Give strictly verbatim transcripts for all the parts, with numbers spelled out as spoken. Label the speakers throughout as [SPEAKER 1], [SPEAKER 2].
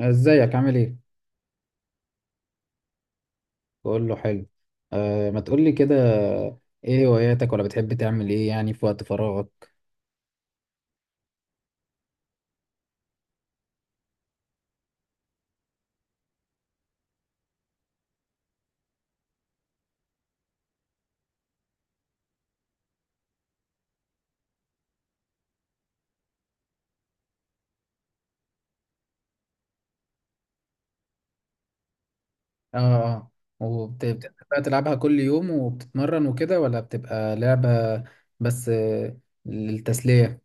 [SPEAKER 1] ازيك؟ عامل ايه؟ بقول له حلو. آه، ما تقول لي كده. ايه هواياتك، ولا بتحب تعمل ايه يعني في وقت فراغك؟ اه. اه، وبتبقى تلعبها كل يوم وبتتمرن وكده، ولا بتبقى لعبة بس آه، للتسلية؟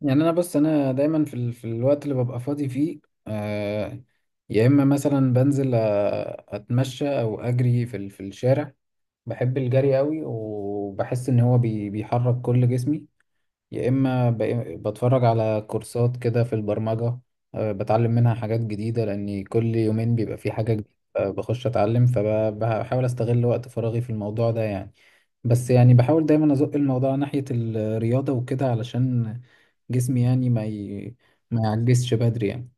[SPEAKER 1] يعني انا بص، انا دايما في, ال... في الوقت اللي ببقى فاضي فيه، آه، يا اما مثلا بنزل آه، اتمشى او اجري في ال... في الشارع. بحب الجري قوي، وبحس ان هو بي... بيحرك كل جسمي. يا إما ب- بتفرج على كورسات كده في البرمجة، آه، بتعلم منها حاجات جديدة، لأن كل يومين بيبقى في حاجة جديدة. آه، بخش أتعلم، فبحاول أستغل وقت فراغي في الموضوع ده يعني. بس يعني بحاول دايما أزق الموضوع ناحية الرياضة وكده، علشان جسمي يعني ما ي... ما يعجزش بدري يعني.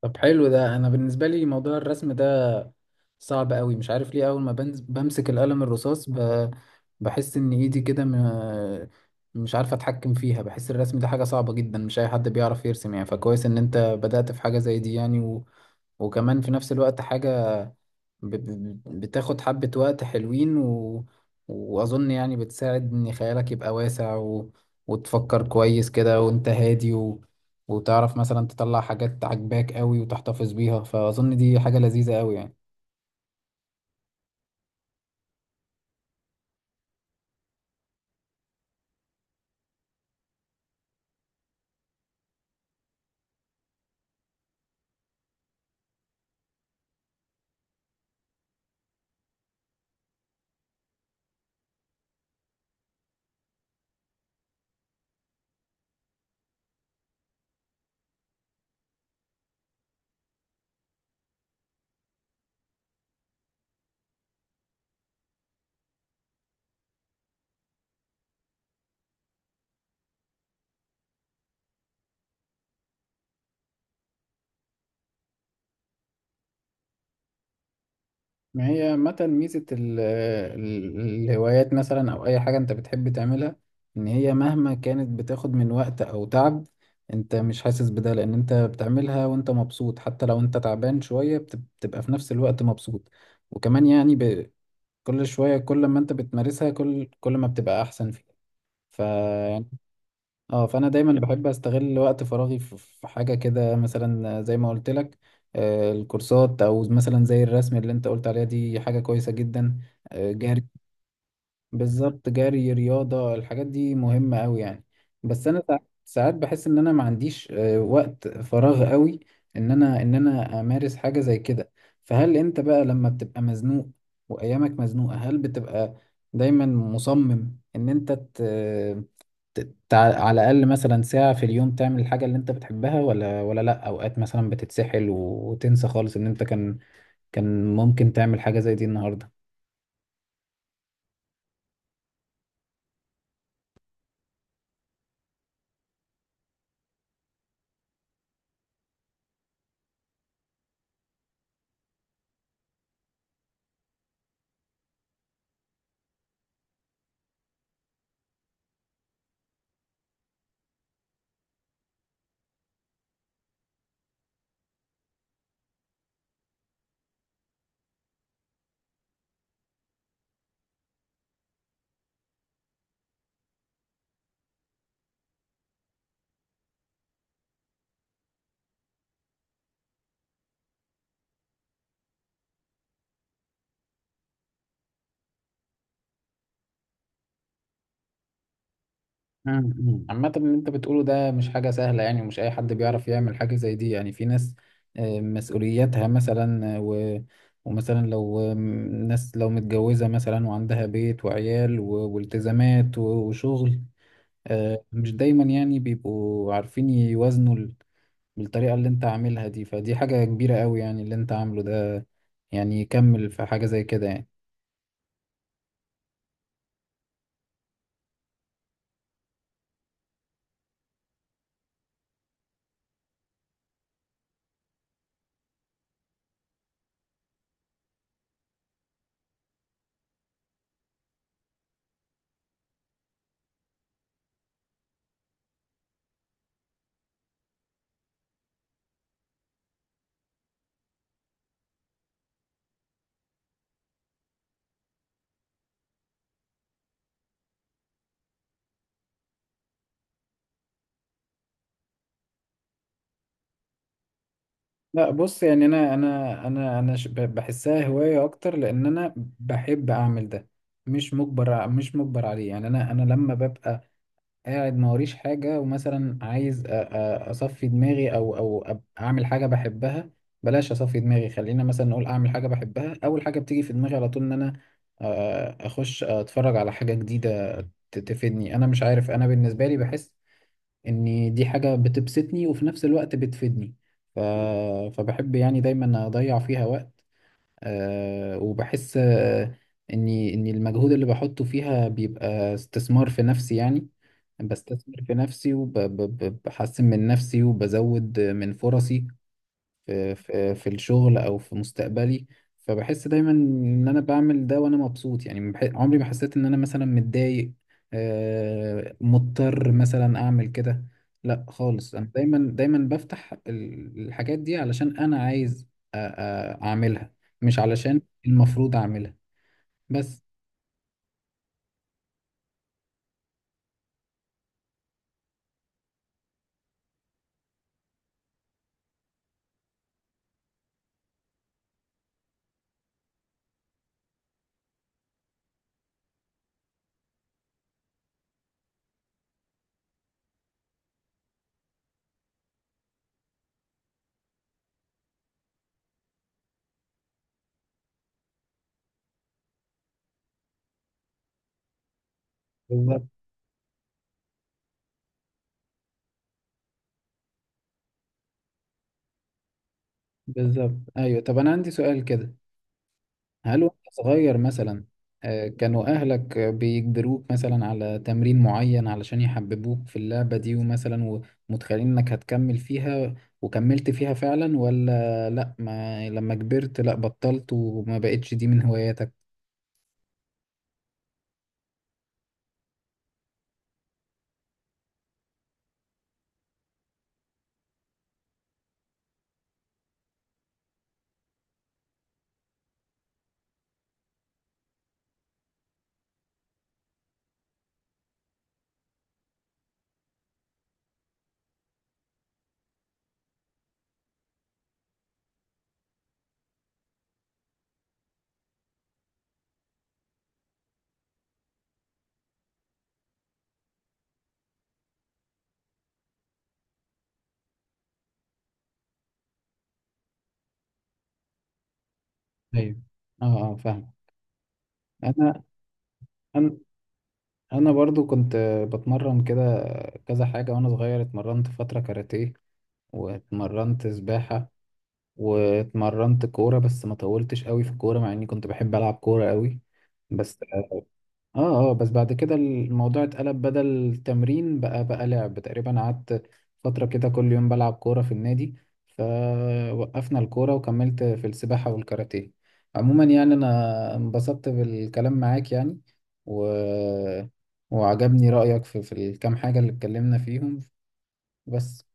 [SPEAKER 1] طب حلو ده. انا بالنسبه لي موضوع الرسم ده صعب قوي، مش عارف ليه. اول ما بنز- بمسك القلم الرصاص ب... بحس ان ايدي كده م... مش عارف اتحكم فيها. بحس الرسم ده حاجه صعبه جدا، مش اي حد بيعرف يرسم يعني، فكويس ان انت بدأت في حاجه زي دي يعني. و... وكمان في نفس الوقت حاجه ب- ب- بتاخد حبة وقت حلوين، و... وأظن يعني بتساعد إن خيالك يبقى واسع، و... وتفكر كويس كده وأنت هادي، و... وتعرف مثلا تطلع حاجات عجباك قوي وتحتفظ بيها. فأظن دي حاجة لذيذة قوي يعني. ما هي عامة ميزة ال- ال- الهوايات مثلا، أو أي حاجة أنت بتحب تعملها، إن هي مهما كانت بتاخد من وقت أو تعب، أنت مش حاسس بده، لأن أنت بتعملها وأنت مبسوط. حتى لو أنت تعبان شوية، بت- بتبقى في نفس الوقت مبسوط. وكمان يعني ب- كل شوية، كل ما أنت بتمارسها كل كل ما بتبقى أحسن فيها. ف اه، فانا دايما بحب استغل وقت فراغي في في حاجه كده مثلا، زي ما قلت لك، آه، الكورسات، او مثلا زي الرسم اللي انت قلت عليها، دي حاجه كويسه جدا. آه، جري. بالظبط، جري، رياضه، الحاجات دي مهمه قوي يعني. بس انا ساع- ساعات بحس ان انا ما عنديش آه، وقت فراغ قوي ان انا ان انا امارس حاجه زي كده. فهل انت بقى لما بتبقى مزنوق وايامك مزنوقه، هل بتبقى دايما مصمم ان انت تع- على الأقل مثلا ساعة في اليوم تعمل الحاجة اللي أنت بتحبها، ولا ولا لأ، أوقات مثلا بتتسحل وتنسى خالص إن أنت كان كان ممكن تعمل حاجة زي دي النهاردة؟ مم. مم. عامة اللي أنت بتقوله ده مش حاجة سهلة يعني، ومش أي حد بيعرف يعمل حاجة زي دي يعني. في ناس آه، مسؤولياتها مثلا، آه، و ومثلا لو آه، ناس لو متجوزة مثلا وعندها بيت وعيال و- والتزامات و- وشغل آه، مش دايما يعني بيبقوا عارفين يوازنوا بالطريقة اللي انت عاملها دي. فدي حاجة كبيرة قوي يعني اللي انت عامله ده، يعني يكمل في حاجة زي كده يعني. لا بص، يعني انا انا انا انا ش- ب- بحسها هواية اكتر، لان انا بحب اعمل ده، مش مجبر ع- مش مجبر عليه يعني. انا انا لما ببقى قاعد ما وريش حاجة، ومثلا عايز أ- أ- أصفي دماغي، أو أو أب- أعمل حاجة بحبها، بلاش أصفي دماغي، خلينا مثلا نقول أعمل حاجة بحبها، أول حاجة بتيجي في دماغي على طول إن أنا آه، أخش أتفرج على حاجة جديدة ت- تفيدني. أنا مش عارف، أنا بالنسبة لي بحس إن دي حاجة بتبسطني وفي نفس الوقت بتفيدني. ف... فبحب يعني دايما أضيع فيها وقت، آه، وبحس آه، اني اني المجهود اللي بحطه فيها بيبقى استثمار في نفسي يعني. بستثمر في نفسي، وبحسن من نفسي، وبزود من فرصي في في في الشغل او في مستقبلي. فبحس دايما ان انا بعمل ده وانا مبسوط يعني. ما بح- عمري ما حسيت ان انا مثلا متضايق، آه، مضطر مثلا اعمل كده، لا خالص. انا دايما دايما بفتح ال- الحاجات دي علشان انا عايز أ- أ- اعملها، مش علشان المفروض اعملها بس. بالظبط. بالظبط، ايوه. طب انا عندي سؤال كده. هل وانت صغير مثلا، آه، كانوا اهلك آه، بيجبروك مثلا على تمرين معين علشان يحببوك في اللعبة دي، ومثلا ومتخيلين انك هتكمل فيها، وكملت فيها فعلا؟ ولا لا، ما لما كبرت لا بطلت وما بقتش دي من هواياتك؟ ايوه. اه. اه، فاهم. انا انا انا برضو كنت آه، بتمرن كده كذا حاجة وانا صغير. اتمرنت فترة كاراتيه، واتمرنت سباحة، واتمرنت كورة، بس ما طولتش قوي في الكورة مع اني كنت بحب العب كورة قوي. بس اه. اه، بس بعد كده الموضوع اتقلب، بدل تمرين بقى بقى لعب. تقريبا قعدت فترة كده كل يوم بلعب كورة في النادي، فوقفنا الكورة وكملت في السباحة والكاراتيه. عموما يعني انا انبسطت بالكلام معاك يعني، و... وعجبني رأيك في, في الكام حاجة اللي اتكلمنا فيهم. بس.